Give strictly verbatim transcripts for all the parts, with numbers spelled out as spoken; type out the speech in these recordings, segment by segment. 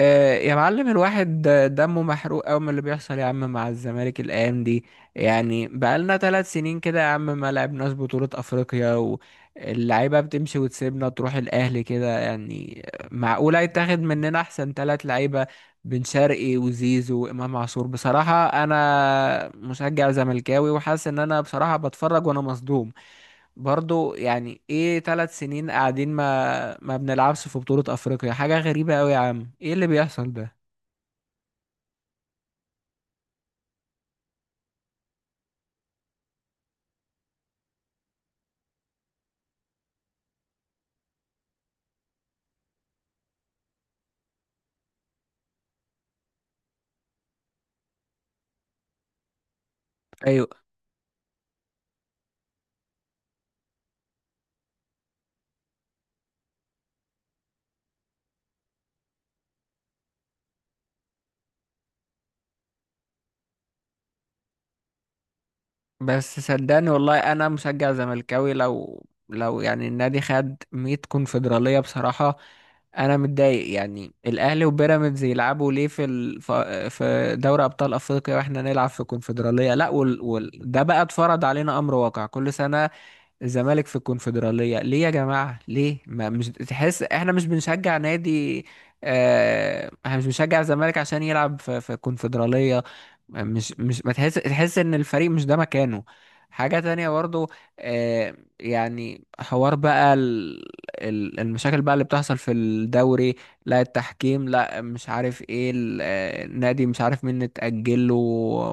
آه، يا معلم الواحد دمه محروق أوي من اللي بيحصل يا عم مع الزمالك الأيام دي. يعني بقالنا ثلاث سنين كده يا عم ما لعبناش بطولة أفريقيا، واللعيبة بتمشي وتسيبنا تروح الأهلي كده يعني. معقولة يتاخد مننا أحسن ثلاث لعيبة، بن شرقي وزيزو وإمام عاشور. بصراحة أنا مشجع زملكاوي وحاسس إن أنا بصراحة بتفرج وأنا مصدوم. برضو يعني ايه ثلاث سنين قاعدين ما ما بنلعبش في بطولة افريقيا؟ حاجة غريبة قوي يا عم، ايه اللي بيحصل ده؟ ايوه. بس صدقني والله انا مشجع زملكاوي، لو لو يعني النادي خد مية كونفدرالية بصراحة انا متضايق. يعني الاهلي وبيراميدز يلعبوا ليه في ال... ف- في دوري ابطال افريقيا واحنا نلعب في كونفدرالية؟ لا وال... وال... ده بقى اتفرض علينا امر واقع كل سنة. الزمالك في الكونفدرالية ليه يا جماعة؟ ليه ما مش تحس احنا مش بنشجع نادي؟ اه، احنا مش بنشجع الزمالك عشان يلعب في في الكونفدرالية. مش مش ما تحس تحس ان الفريق مش ده مكانه. حاجة تانية برضو، اه يعني حوار بقى ال- ال- المشاكل بقى اللي بتحصل في الدوري. لا التحكيم، لا مش عارف ايه ال- آه، النادي مش عارف مين اتأجل له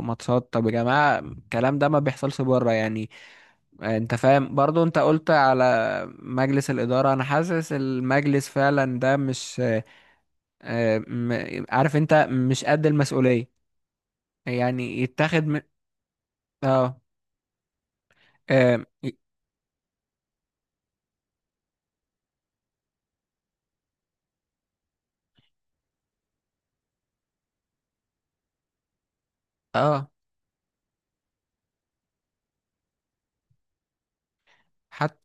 ماتشات. طب يا جماعة الكلام ده ما بيحصلش بره يعني. انت فاهم، برضو انت قلت على مجلس الإدارة. انا حاسس المجلس فعلا ده مش آه، م- عارف، انت مش قد المسؤولية. يعني يتاخد من اه اه آه، حتى.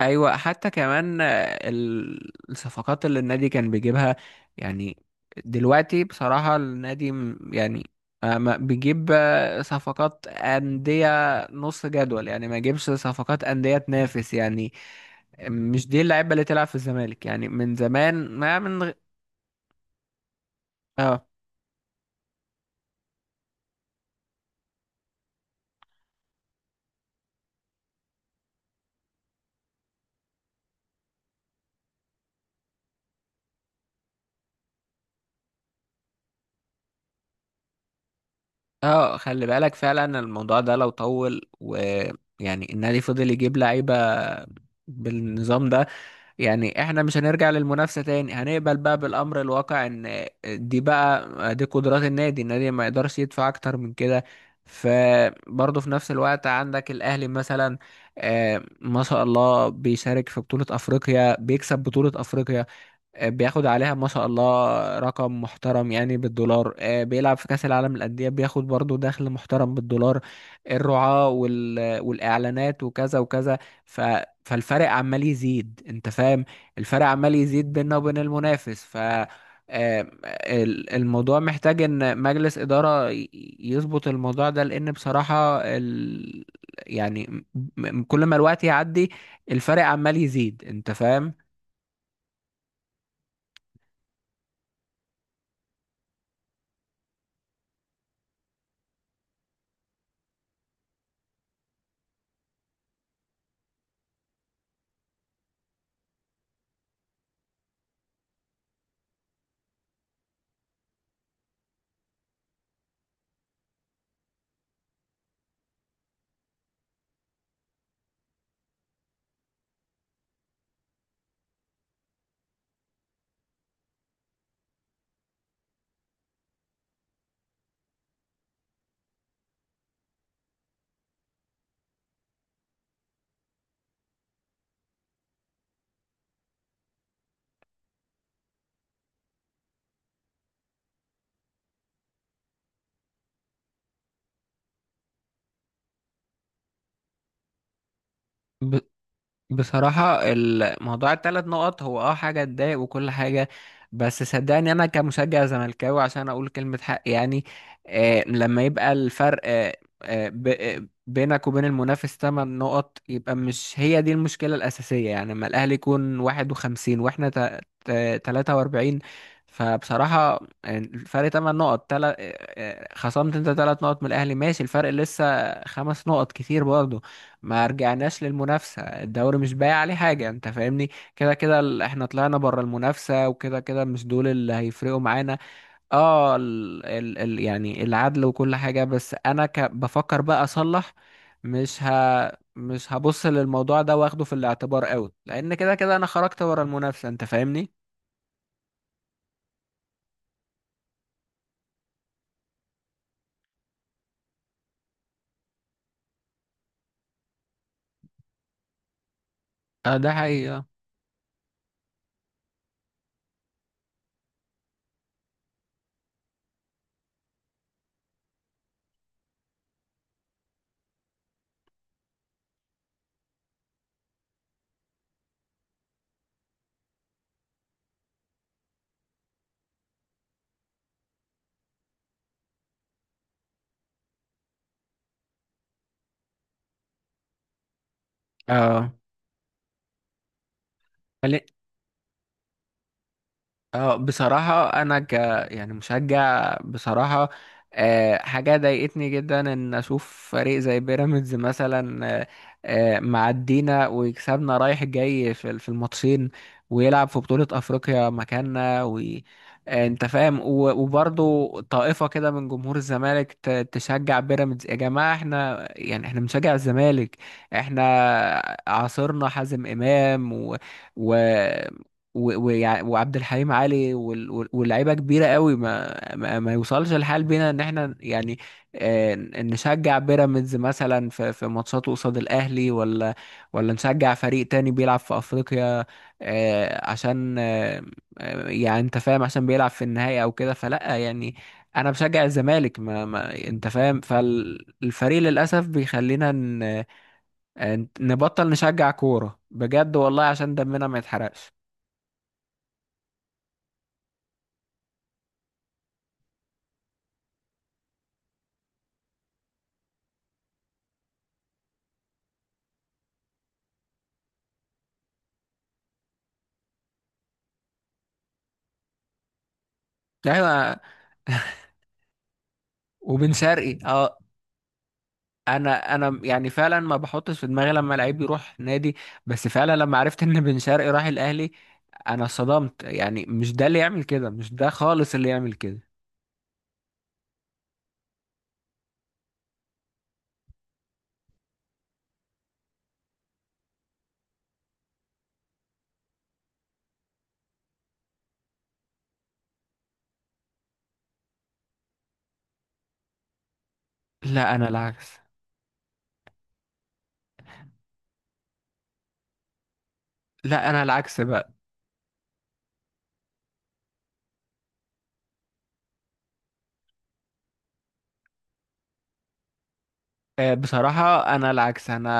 ايوه، حتى كمان آه، ال- الصفقات اللي النادي كان بيجيبها يعني. دلوقتي بصراحة النادي م- يعني آه، ما بيجيب آه، صفقات أندية نص جدول يعني، ما يجيبش صفقات أندية تنافس يعني. مش دي اللعيبة اللي تلعب في الزمالك يعني من زمان ما من غ- اه. اه خلي بالك فعلا الموضوع ده لو طول، ويعني النادي فضل يجيب لعيبة بالنظام ده، يعني احنا مش هنرجع للمنافسة تاني. هنقبل بقى بالأمر الواقع ان دي بقى دي قدرات النادي، النادي ما يقدرش يدفع اكتر من كده. فبرضه في نفس الوقت عندك الأهلي مثلا، آه، ما شاء الله بيشارك في بطولة أفريقيا، بيكسب بطولة أفريقيا، آه، بياخد عليها ما شاء الله رقم محترم يعني بالدولار. آه، بيلعب في كأس العالم للأندية، بياخد برضو دخل محترم بالدولار، الرعاة وال... والإعلانات وكذا وكذا. ف... فالفرق عمال يزيد، انت فاهم. الفرق عمال يزيد بيننا وبين المنافس. ف آه، ال- الموضوع محتاج ان مجلس إدارة ي- يظبط الموضوع ده، لان بصراحة ال... يعني م- م- كل ما الوقت يعدي الفرق عمال يزيد، انت فاهم. بصراحة الموضوع التلات نقط هو اه حاجة تضايق وكل حاجة، بس صدقني أنا كمشجع زملكاوي عشان أقول كلمة حق يعني. آه لما يبقى الفرق آه آه ب- آه، بينك وبين المنافس تمن نقط، يبقى مش هي دي المشكلة الأساسية. يعني لما الأهلي يكون واحد وخمسين وإحنا تا- تا- تلاتة وأربعين، فبصراحة آه، الفرق تمن نقط. تلات، خصمت أنت تلات نقط من الأهلي ماشي، الفرق لسه خمس نقط، كتير برضه. ما رجعناش للمنافسة، الدوري مش باقي عليه حاجة، انت فاهمني. كده كده ال- احنا طلعنا بره المنافسة، وكده كده مش دول اللي هيفرقوا معانا. اه ال ال ال يعني العدل وكل حاجة، بس انا ك بفكر بقى اصلح. مش ه مش هبص للموضوع ده واخده في الاعتبار قوي، لان كده كده انا خرجت بره المنافسة انت فاهمني. اه، ده حقيقة. اه. اه. بصراحة أنا ك يعني مشجع. بصراحة آه، حاجة ضايقتني جدا إن أشوف فريق زي بيراميدز مثلا، آه، آه، معدينا ويكسبنا رايح جاي في ال- في الماتشين، ويلعب في بطولة أفريقيا مكاننا. و آه، أنت فاهم، و- وبرضه طائفة كده من جمهور الزمالك ت- تشجع بيراميدز. يا جماعة احنا يعني احنا بنشجع الزمالك. احنا عاصرنا حازم إمام و... و- ويع- وعبد الحليم علي وال- وال- واللعيبه كبيره قوي. ما ما, ما يوصلش الحال بينا ان احنا يعني آه، نشجع بيراميدز مثلا في في ماتشاته قصاد الاهلي، ولا ولا نشجع فريق تاني بيلعب في افريقيا آه، عشان آه، آه، يعني انت فاهم عشان بيلعب في النهائي او كده، فلا يعني. انا بشجع الزمالك ما, ما انت فاهم. فالفريق للاسف بيخلينا ن- آه، نبطل نشجع كوره بجد والله عشان دمنا ما يتحرقش. ايوه، وبن شرقي اه، انا انا يعني فعلا ما بحطش في دماغي لما لعيب يروح نادي، بس فعلا لما عرفت ان بن شرقي راح الاهلي انا صدمت. يعني مش ده اللي يعمل كده، مش ده خالص اللي يعمل كده. لا، انا العكس. لا، انا العكس بقى. آه، بصراحة أنا العكس أنا.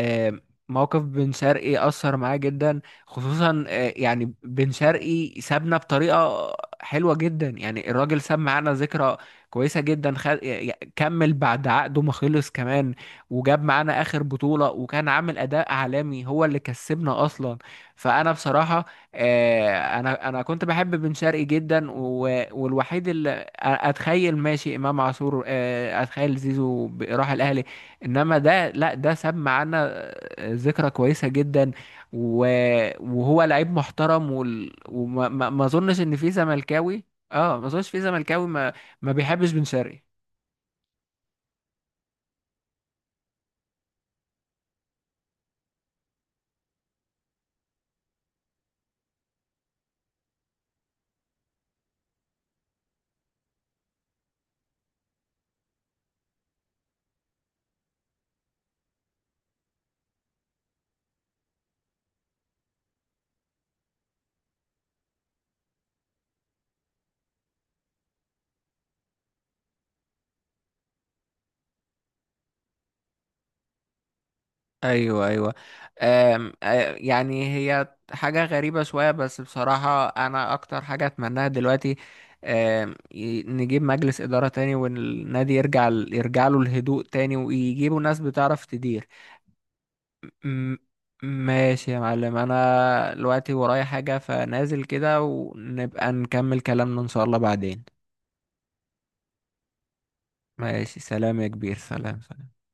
آه، موقف بن شرقي أثر معايا جدا، خصوصا آه، يعني بن شرقي سابنا بطريقة حلوة جدا، يعني الراجل ساب معانا ذكرى كويسة جدا. خد... يع- كمل بعد عقده ما خلص كمان، وجاب معانا آخر بطولة وكان عامل أداء عالمي، هو اللي كسبنا أصلا. فأنا بصراحة آه، أنا أنا كنت بحب بن شرقي جدا و... والوحيد اللي أ- أتخيل ماشي إمام عاشور، آه، أتخيل زيزو ب- راح الأهلي. انما ده، لا ده سمع عنا ذكرى كويسه جدا، و... وهو لعيب محترم وال... وما ما... ما اظنش ان في زملكاوي. اه، ما اظنش في زملكاوي ما ما بيحبش بن شرقي. ايوه، ايوه. أم... آه، يعني هي حاجه غريبه شويه، بس بصراحه انا اكتر حاجه اتمناها دلوقتي أم... ي- نجيب مجلس اداره تاني، والنادي يرجع يرجع له الهدوء تاني، ويجيبوا ناس بتعرف تدير. م- ماشي يا معلم، انا دلوقتي ورايا حاجة فنازل كده، ونبقى نكمل كلامنا ان شاء الله بعدين. ماشي، سلام يا كبير، سلام سلام.